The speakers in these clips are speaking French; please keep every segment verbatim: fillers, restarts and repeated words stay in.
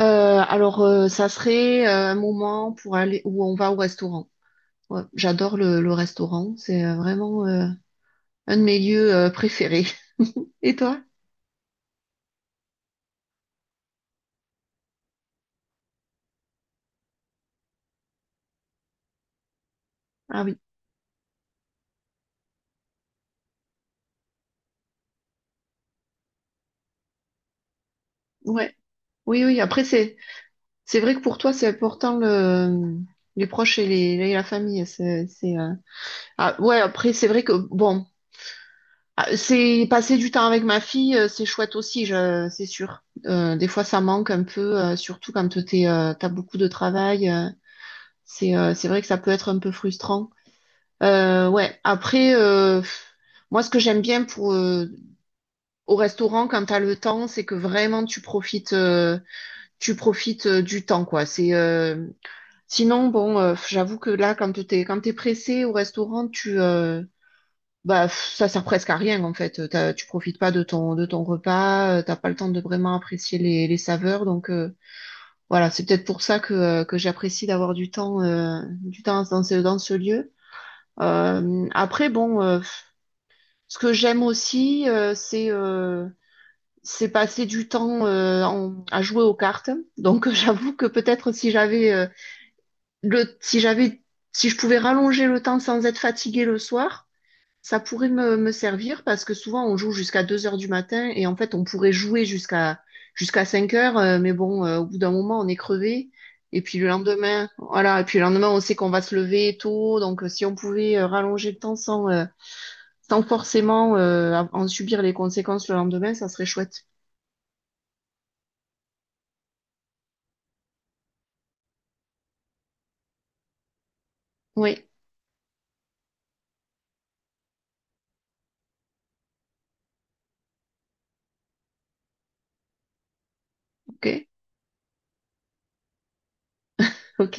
Euh, alors, euh, ça serait euh, un moment pour aller où on va au restaurant. Ouais, j'adore le, le restaurant, c'est euh, vraiment euh, un de mes lieux euh, préférés. Et toi? Ah oui, ouais, oui, oui. Après, c'est c'est vrai que pour toi, c'est important le les proches et les et la famille. C'est c'est euh, ah ouais. Après, c'est vrai que bon, ah, c'est passer du temps avec ma fille, euh, c'est chouette aussi, je, c'est sûr. Euh, des fois, ça manque un peu, euh, surtout quand t'es euh, t'as beaucoup de travail. Euh, c'est euh, c'est vrai que ça peut être un peu frustrant. Euh, ouais, après, euh, moi, ce que j'aime bien pour euh, au restaurant quand t'as le temps, c'est que vraiment tu profites, euh, tu profites euh, du temps, quoi. C'est euh, Sinon, bon, euh, j'avoue que là, quand t'es quand t'es pressé au restaurant, tu euh, bah pff, ça sert presque à rien en fait. T'as- tu profites pas de ton de ton repas, euh, t'as pas le temps de vraiment apprécier les, les saveurs, donc euh, voilà, c'est peut-être pour ça que euh, que j'apprécie d'avoir du temps euh, du temps dans ce dans ce lieu. Euh, après, bon. Euh, Ce que j'aime aussi, euh, c'est euh, c'est passer du temps euh, en- à jouer aux cartes. Donc euh, j'avoue que peut-être si j'avais euh, le si j'avais si je pouvais rallonger le temps sans être fatiguée le soir, ça pourrait me, me servir parce que souvent on joue jusqu'à deux heures du matin et en fait on pourrait jouer jusqu'à jusqu'à cinq heures, euh, mais bon, euh, au bout d'un moment on est crevé. Et puis le lendemain, voilà, et puis le lendemain on sait qu'on va se lever tôt, donc euh, si on pouvait euh, rallonger le temps sans, euh, sans forcément euh, en subir les conséquences le lendemain, ça serait chouette. Oui, ok, ok,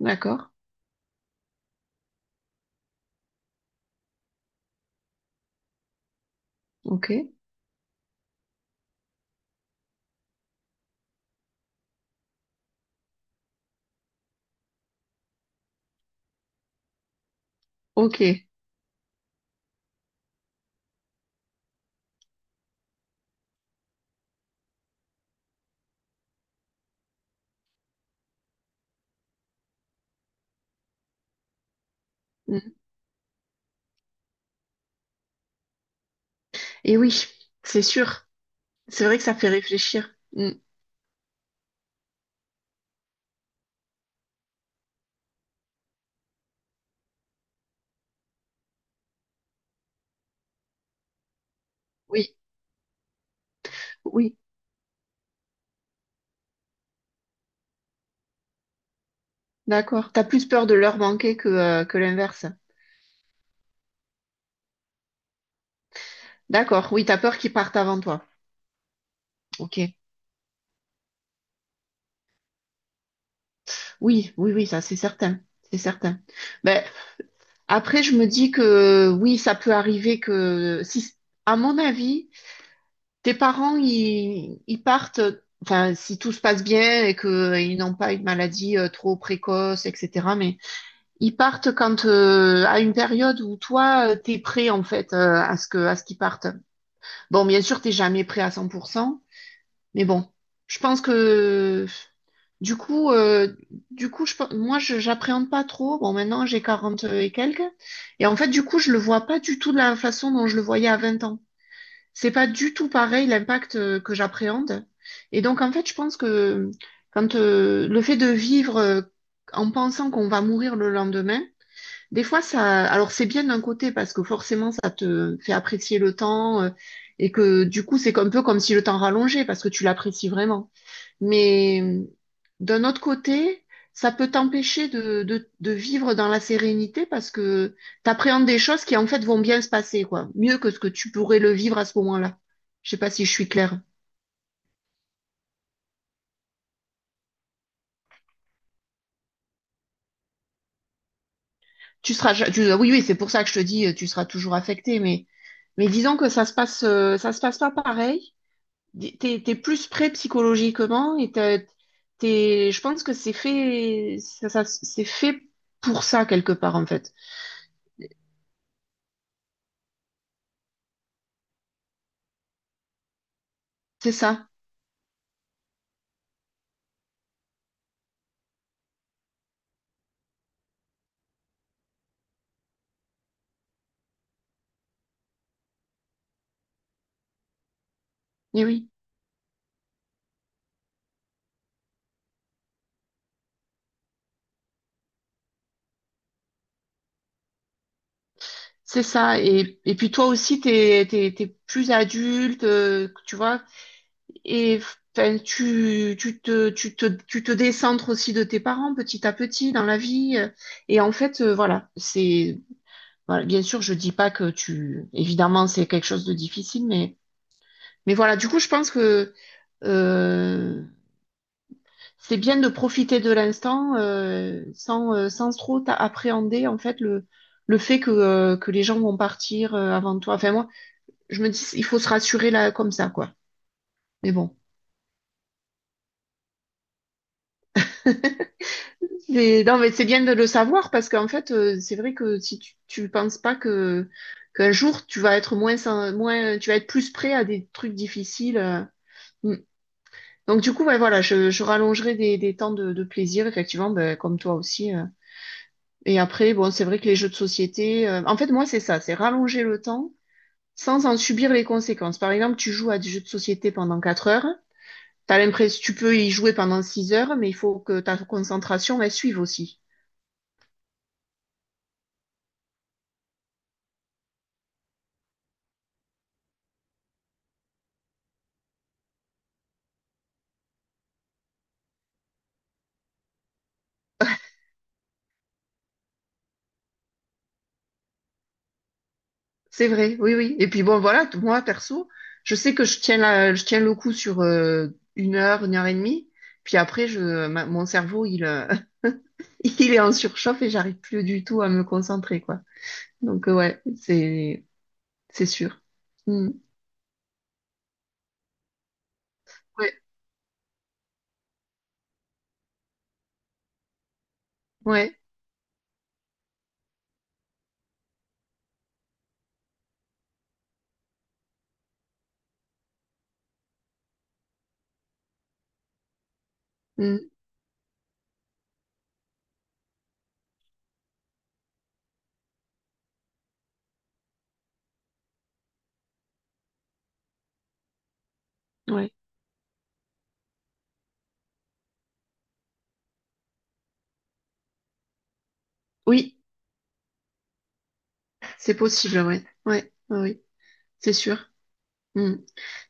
d'accord, ok, ok. Mm. Et oui, c'est sûr. C'est vrai que ça fait réfléchir. Mm. Oui, oui, d'accord. T'as plus peur de leur manquer que, euh, que l'inverse. D'accord, oui, t'as peur qu'ils partent avant toi. Ok. Oui, oui, oui, ça c'est certain. C'est certain. Ben, après, je me dis que oui, ça peut arriver que si, à mon avis, tes parents, ils, ils partent, enfin, si tout se passe bien et qu'ils n'ont pas une maladie euh, trop précoce, et cætera. Mais ils partent quand euh, à une période où toi, euh, t'es prêt en fait euh, à ce que à ce qu'ils partent. Bon, bien sûr, t'es jamais prêt à cent pour cent, mais bon, je pense que du coup, euh, du coup, je, pe- moi, je j'appréhende pas trop. Bon, maintenant, j'ai quarante et quelques, et en fait, du coup, je le vois pas du tout de la façon dont je le voyais à vingt ans. C'est pas du tout pareil l'impact euh, que j'appréhende. Et donc, en fait, je pense que quand euh, le fait de vivre euh, en pensant qu'on va mourir le lendemain, des fois, ça, alors c'est bien d'un côté parce que forcément, ça te fait apprécier le temps euh, et que du coup, c'est un peu comme si le temps rallongeait parce que tu l'apprécies vraiment. Mais euh, D'un autre côté, ça peut t'empêcher de, de, de vivre dans la sérénité parce que t'appréhendes des choses qui en fait vont bien se passer, quoi. Mieux que ce que tu pourrais le vivre à ce moment-là. Je sais pas si je suis claire. Tu seras, ja- tu- Ah oui, oui, c'est pour ça que je te dis, euh, tu seras toujours affecté, mais, mais disons que ça se passe, euh, ça se passe pas pareil. D- T'es, t'es plus prêt psychologiquement et t'as- t'es, je pense que c'est fait, ça, ça- c'est fait pour ça quelque part, en fait. C'est ça. Eh oui. C'est ça. Et, et puis toi aussi, t'es, t'es, t'es plus adulte, euh, tu vois. Et enfin, tu, tu te, tu te, tu te décentres aussi de tes parents petit à petit dans la vie. euh, Et en fait, euh, voilà, c'est, voilà, bien sûr, je dis pas que tu, évidemment, c'est quelque chose de difficile, mais, mais voilà. Du coup, je pense que euh, c'est bien de profiter de l'instant euh, sans, euh, sans trop t'a- appréhender en fait le, le fait que, euh, que les gens vont partir euh, avant toi. Enfin, moi, je me dis, il faut se rassurer là comme ça, quoi. Mais bon. Mais non, mais c'est bien de le savoir parce qu'en fait, euh, c'est vrai que si tu, tu penses pas que qu'un jour tu vas être moins, sen- moins, tu vas être plus prêt à des trucs difficiles. euh. Mm. Donc du coup, ouais, voilà, je, je rallongerai des, des temps de, de plaisir, effectivement, ben, comme toi aussi. euh. Et après, bon, c'est vrai que les jeux de société, euh, en fait, moi, c'est ça, c'est rallonger le temps sans en subir les conséquences. Par exemple, tu joues à des jeux de société pendant quatre heures. T'as l'impression, tu peux y jouer pendant six heures, mais il faut que ta concentration, elle suive aussi. C'est vrai, oui, oui. Et puis bon, voilà, t- moi, perso, je sais que je tiens la, je tiens le coup sur euh, une heure, une heure et demie. Puis après, je, ma- mon cerveau, il, euh, il est en surchauffe et j'arrive plus du tout à me concentrer, quoi. Donc, euh, ouais, c'est... C'est sûr. Mm. Ouais, ouais, mm, ouais. Oui, c'est possible, ouais. Ouais, ouais, oui, c'est sûr. Mm.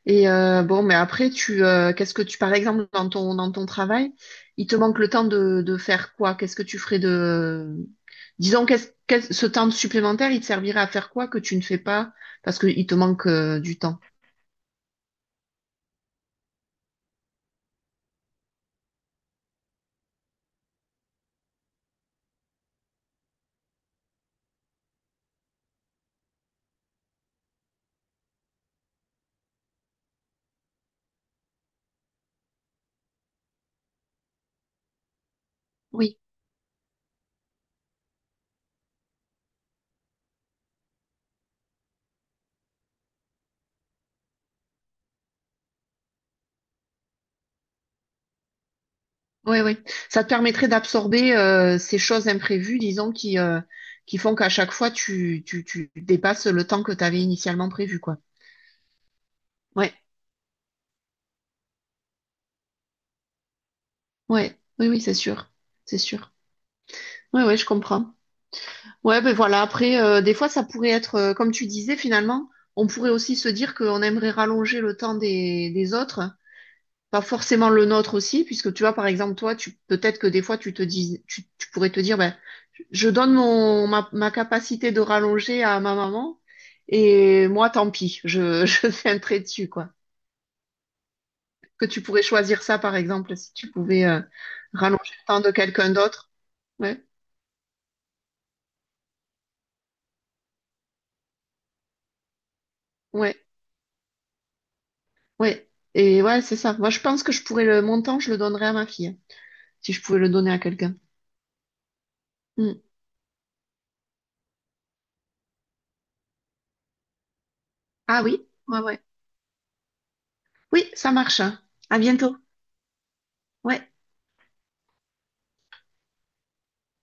Et euh, bon, mais après, tu euh, qu'est-ce que tu, par exemple, dans ton dans ton travail, il te manque le temps de, de faire quoi? Qu'est-ce que tu ferais de disons qu'est-ce qu'est-ce- ce temps supplémentaire, il te servirait à faire quoi que tu ne fais pas parce qu'il te manque euh, du temps. Oui, oui. Ça te permettrait d'absorber euh, ces choses imprévues, disons, qui, euh, qui font qu'à chaque fois, tu, tu, tu dépasses le temps que tu avais initialement prévu, quoi. Ouais, ouais, oui, oui, c'est sûr. C'est sûr. Oui, oui, je comprends. Ouais, ben voilà, après, euh, des fois, ça pourrait être, euh, comme tu disais, finalement, on pourrait aussi se dire qu'on aimerait rallonger le temps des, des autres. Pas forcément le nôtre aussi, puisque tu vois, par exemple, toi, tu peut-être que des fois, tu te dis, tu, tu pourrais te dire, ben, je donne mon ma, ma capacité de rallonger à ma maman, et moi, tant pis, je, je fais un trait dessus, quoi. Que tu pourrais choisir ça, par exemple, si tu pouvais euh, rallonger le temps de quelqu'un d'autre. Ouais, ouais, ouais. Et ouais, c'est ça. Moi, je pense que je pourrais le mon temps, je le donnerais à ma fille, hein, si je pouvais le donner à quelqu'un. Hmm. Ah oui, ouais, ouais. Oui, ça marche. Hein. À bientôt. Ouais.